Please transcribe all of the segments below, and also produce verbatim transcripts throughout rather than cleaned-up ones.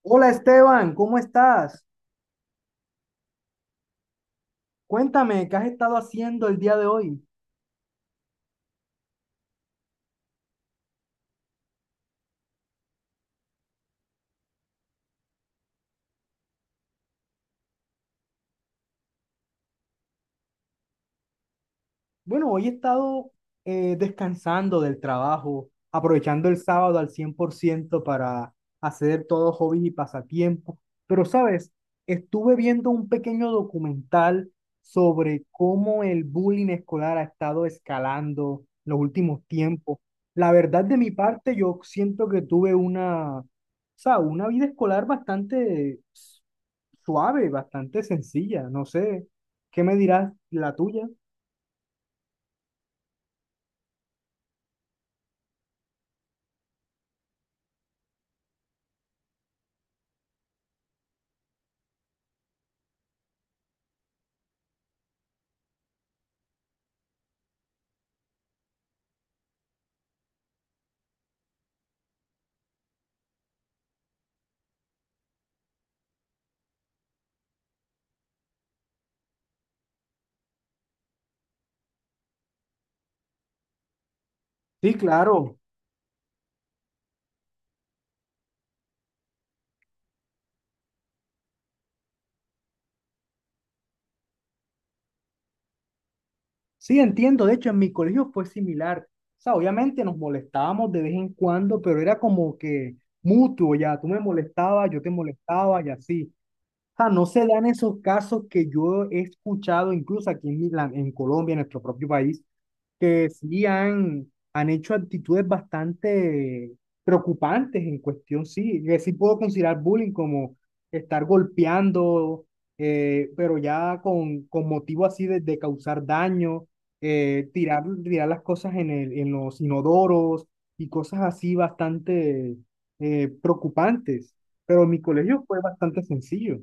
Hola Esteban, ¿cómo estás? Cuéntame, ¿qué has estado haciendo el día de hoy? Bueno, hoy he estado eh, descansando del trabajo, aprovechando el sábado al cien por ciento para hacer todos hobbies y pasatiempos. Pero, ¿sabes? Estuve viendo un pequeño documental sobre cómo el bullying escolar ha estado escalando en los últimos tiempos. La verdad, de mi parte, yo siento que tuve una, o sea, una vida escolar bastante suave, bastante sencilla. No sé, ¿qué me dirás la tuya? Sí, claro. Sí, entiendo. De hecho, en mi colegio fue similar. O sea, obviamente nos molestábamos de vez en cuando, pero era como que mutuo ya. Tú me molestabas, yo te molestaba y así sea, no se dan esos casos que yo he escuchado, incluso aquí en, mi- la- en Colombia, en nuestro propio país, que sí han, han hecho actitudes bastante preocupantes en cuestión, sí, que sí puedo considerar bullying como estar golpeando, eh, pero ya con, con motivo así de, de causar daño, eh, tirar, tirar las cosas en el, en los inodoros y cosas así bastante eh, preocupantes. Pero en mi colegio fue bastante sencillo.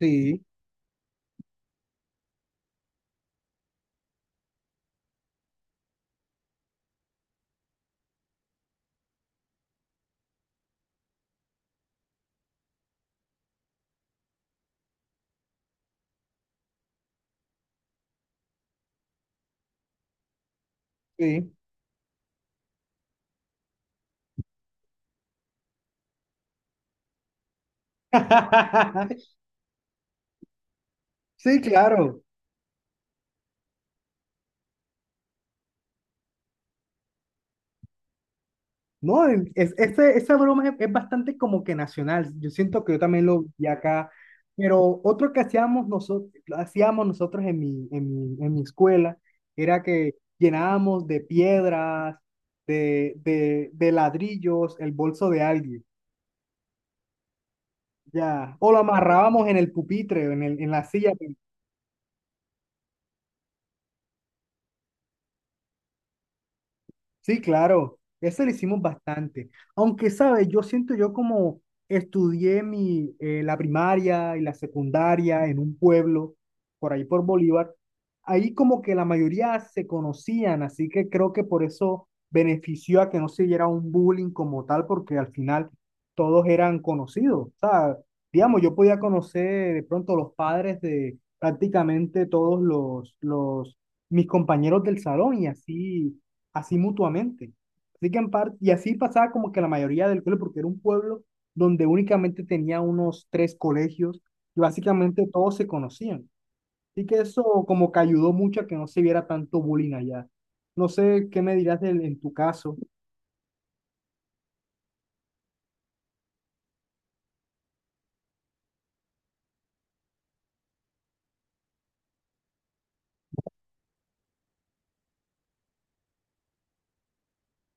Sí, sí. Sí, claro. No, en- es, ese- esa broma es, es bastante como que nacional. Yo siento que yo también lo vi acá. Pero otro que hacíamos nosotros, hacíamos nosotros en mi, en mi, en mi escuela era que llenábamos de piedras, de, de, de ladrillos, el bolso de alguien. Ya. O lo amarrábamos en el pupitre, en el, en la silla. Sí, claro, ese lo hicimos bastante. Aunque, ¿sabes? Yo siento yo como estudié mi, eh, la primaria y la secundaria en un pueblo, por ahí por Bolívar, ahí como que la mayoría se conocían, así que creo que por eso benefició a que no se diera un bullying como tal, porque al final todos eran conocidos. O sea, digamos, yo podía conocer de pronto los padres de prácticamente todos los, los mis compañeros del salón y así así mutuamente. Así que en parte, y así pasaba como que la mayoría del pueblo, porque era un pueblo donde únicamente tenía unos tres colegios y básicamente todos se conocían. Así que eso como que ayudó mucho a que no se viera tanto bullying allá. No sé qué me dirás del- en tu caso.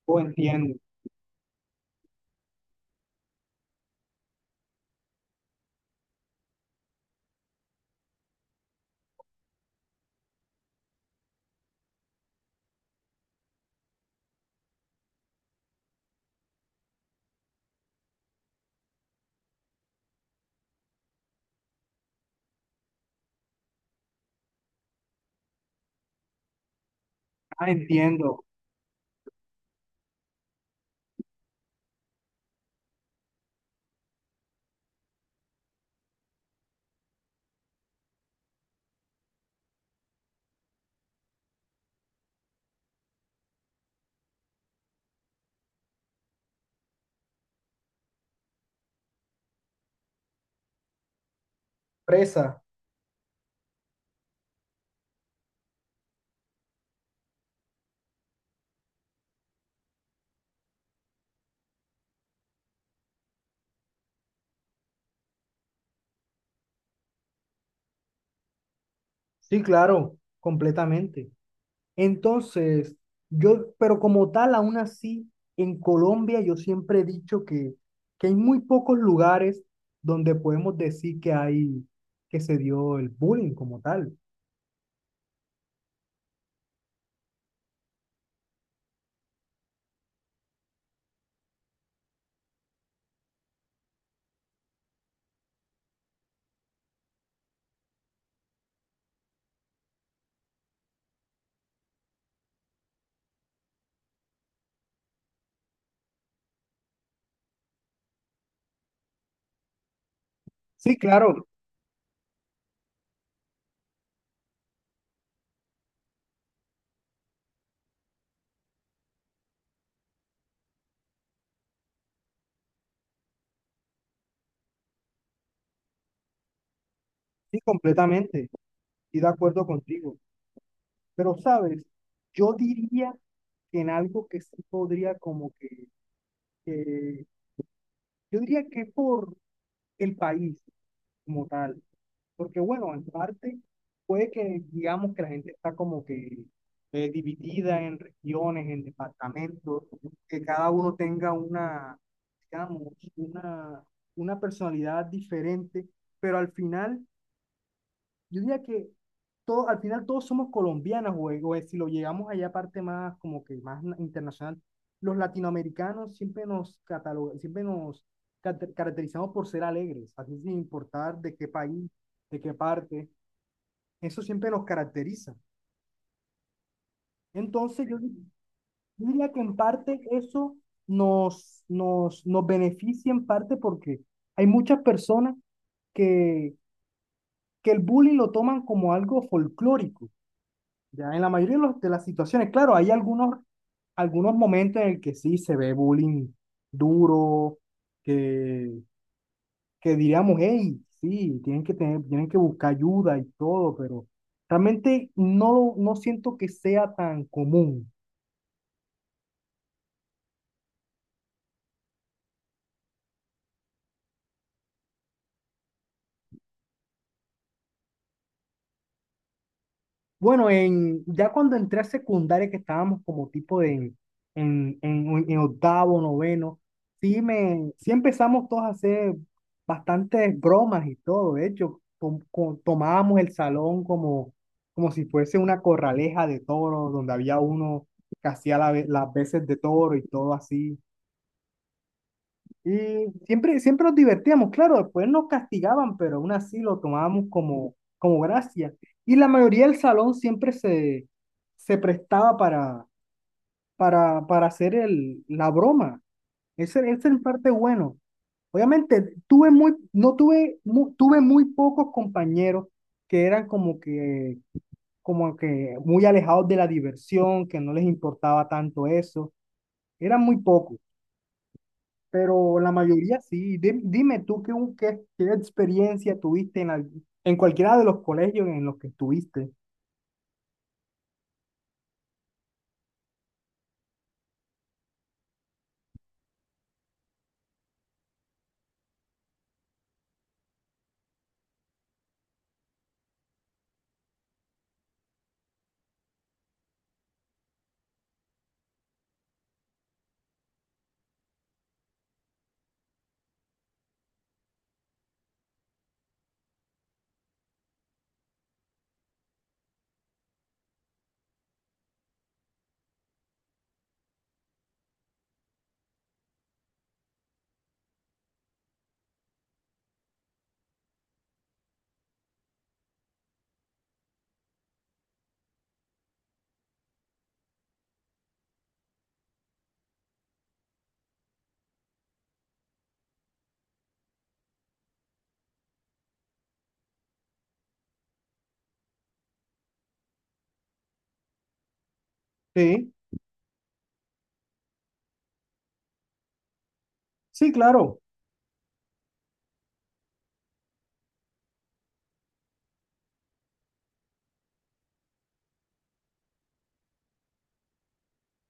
Oh, entiendo. Ah, entiendo. Presa. Sí, claro, completamente. Entonces, yo, pero como tal, aún así, en Colombia yo siempre he dicho que, que hay muy pocos lugares donde podemos decir que hay, que se dio el bullying como tal. Sí, claro, sí, completamente, y de acuerdo contigo. Pero, ¿sabes? Yo diría que en algo que sí podría como que, que- yo diría que por el país como tal. Porque bueno, en parte puede que digamos que la gente está como que eh, dividida en regiones, en departamentos, que cada uno tenga una, digamos, una, una personalidad diferente, pero al final, yo diría que todo, al final todos somos colombianos, o, o si lo llegamos allá aparte más como que más na- internacional, los latinoamericanos siempre nos catalogan, siempre nos cate- caracterizamos por ser alegres, así sin importar de qué país, de qué parte. Eso siempre nos caracteriza. Entonces, yo, yo diría que en parte eso nos, nos, nos beneficia en parte porque hay muchas personas que, que el bullying lo toman como algo folclórico, ya en la mayoría de, los- de las situaciones. Claro, hay algunos, algunos momentos en el que sí se ve bullying duro, que, que diríamos, hey, sí, tienen que tener, tienen que buscar ayuda y todo, pero realmente no, no siento que sea tan común. Bueno, en, ya cuando entré a secundaria, que estábamos como tipo de, en, en, en octavo, noveno, sí, me, sí empezamos todos a hacer bastantes bromas y todo. De hecho, tom- co- tomábamos el salón como, como si fuese una corraleja de toros, donde había uno que hacía la ve- las veces de toro y todo así. Y siempre, siempre nos divertíamos, claro, después nos castigaban, pero aún así lo tomábamos como, como gracia. Y la mayoría del salón siempre se, se prestaba para, para, para hacer el, la broma. Ese, ese es el parte bueno. Obviamente, tuve muy, no tuve, mu- tuve muy pocos compañeros que eran como que, como que muy alejados de la diversión, que no les importaba tanto eso. Eran muy pocos pero la mayoría sí. Di- Dime tú qué, un- qué, qué experiencia tuviste en, al- en cualquiera de los colegios en los que estuviste. Sí, sí, claro.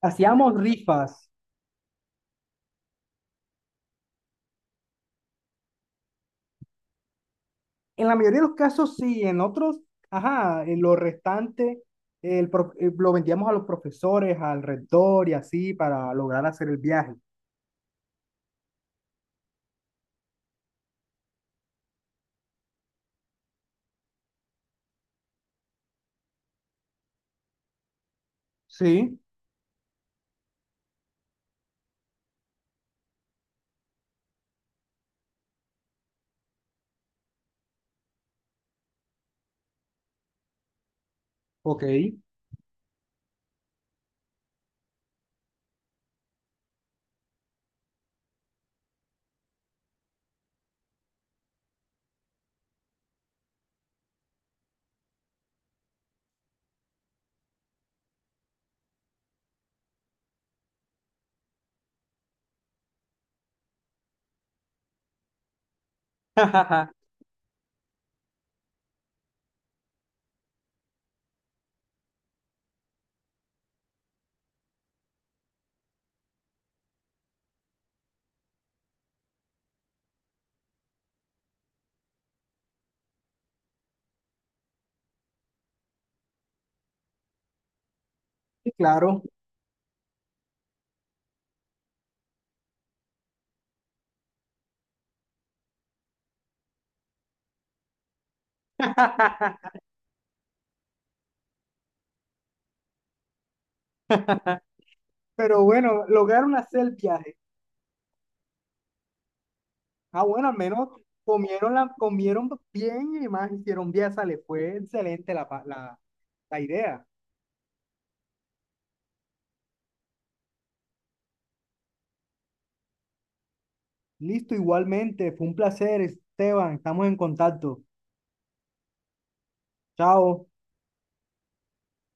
Hacíamos rifas. En la mayoría de los casos sí, en otros, ajá, en lo restante el pro- eh, lo vendíamos a los profesores, al rector y así para lograr hacer el viaje. Sí, ok. Sí, claro. Pero bueno, lograron hacer el viaje. Ah, bueno, al menos comieron, la, comieron bien y más hicieron viaza. Le fue excelente la, pa- la, la idea. Listo, igualmente. Fue un placer, Esteban. Estamos en contacto. Chao.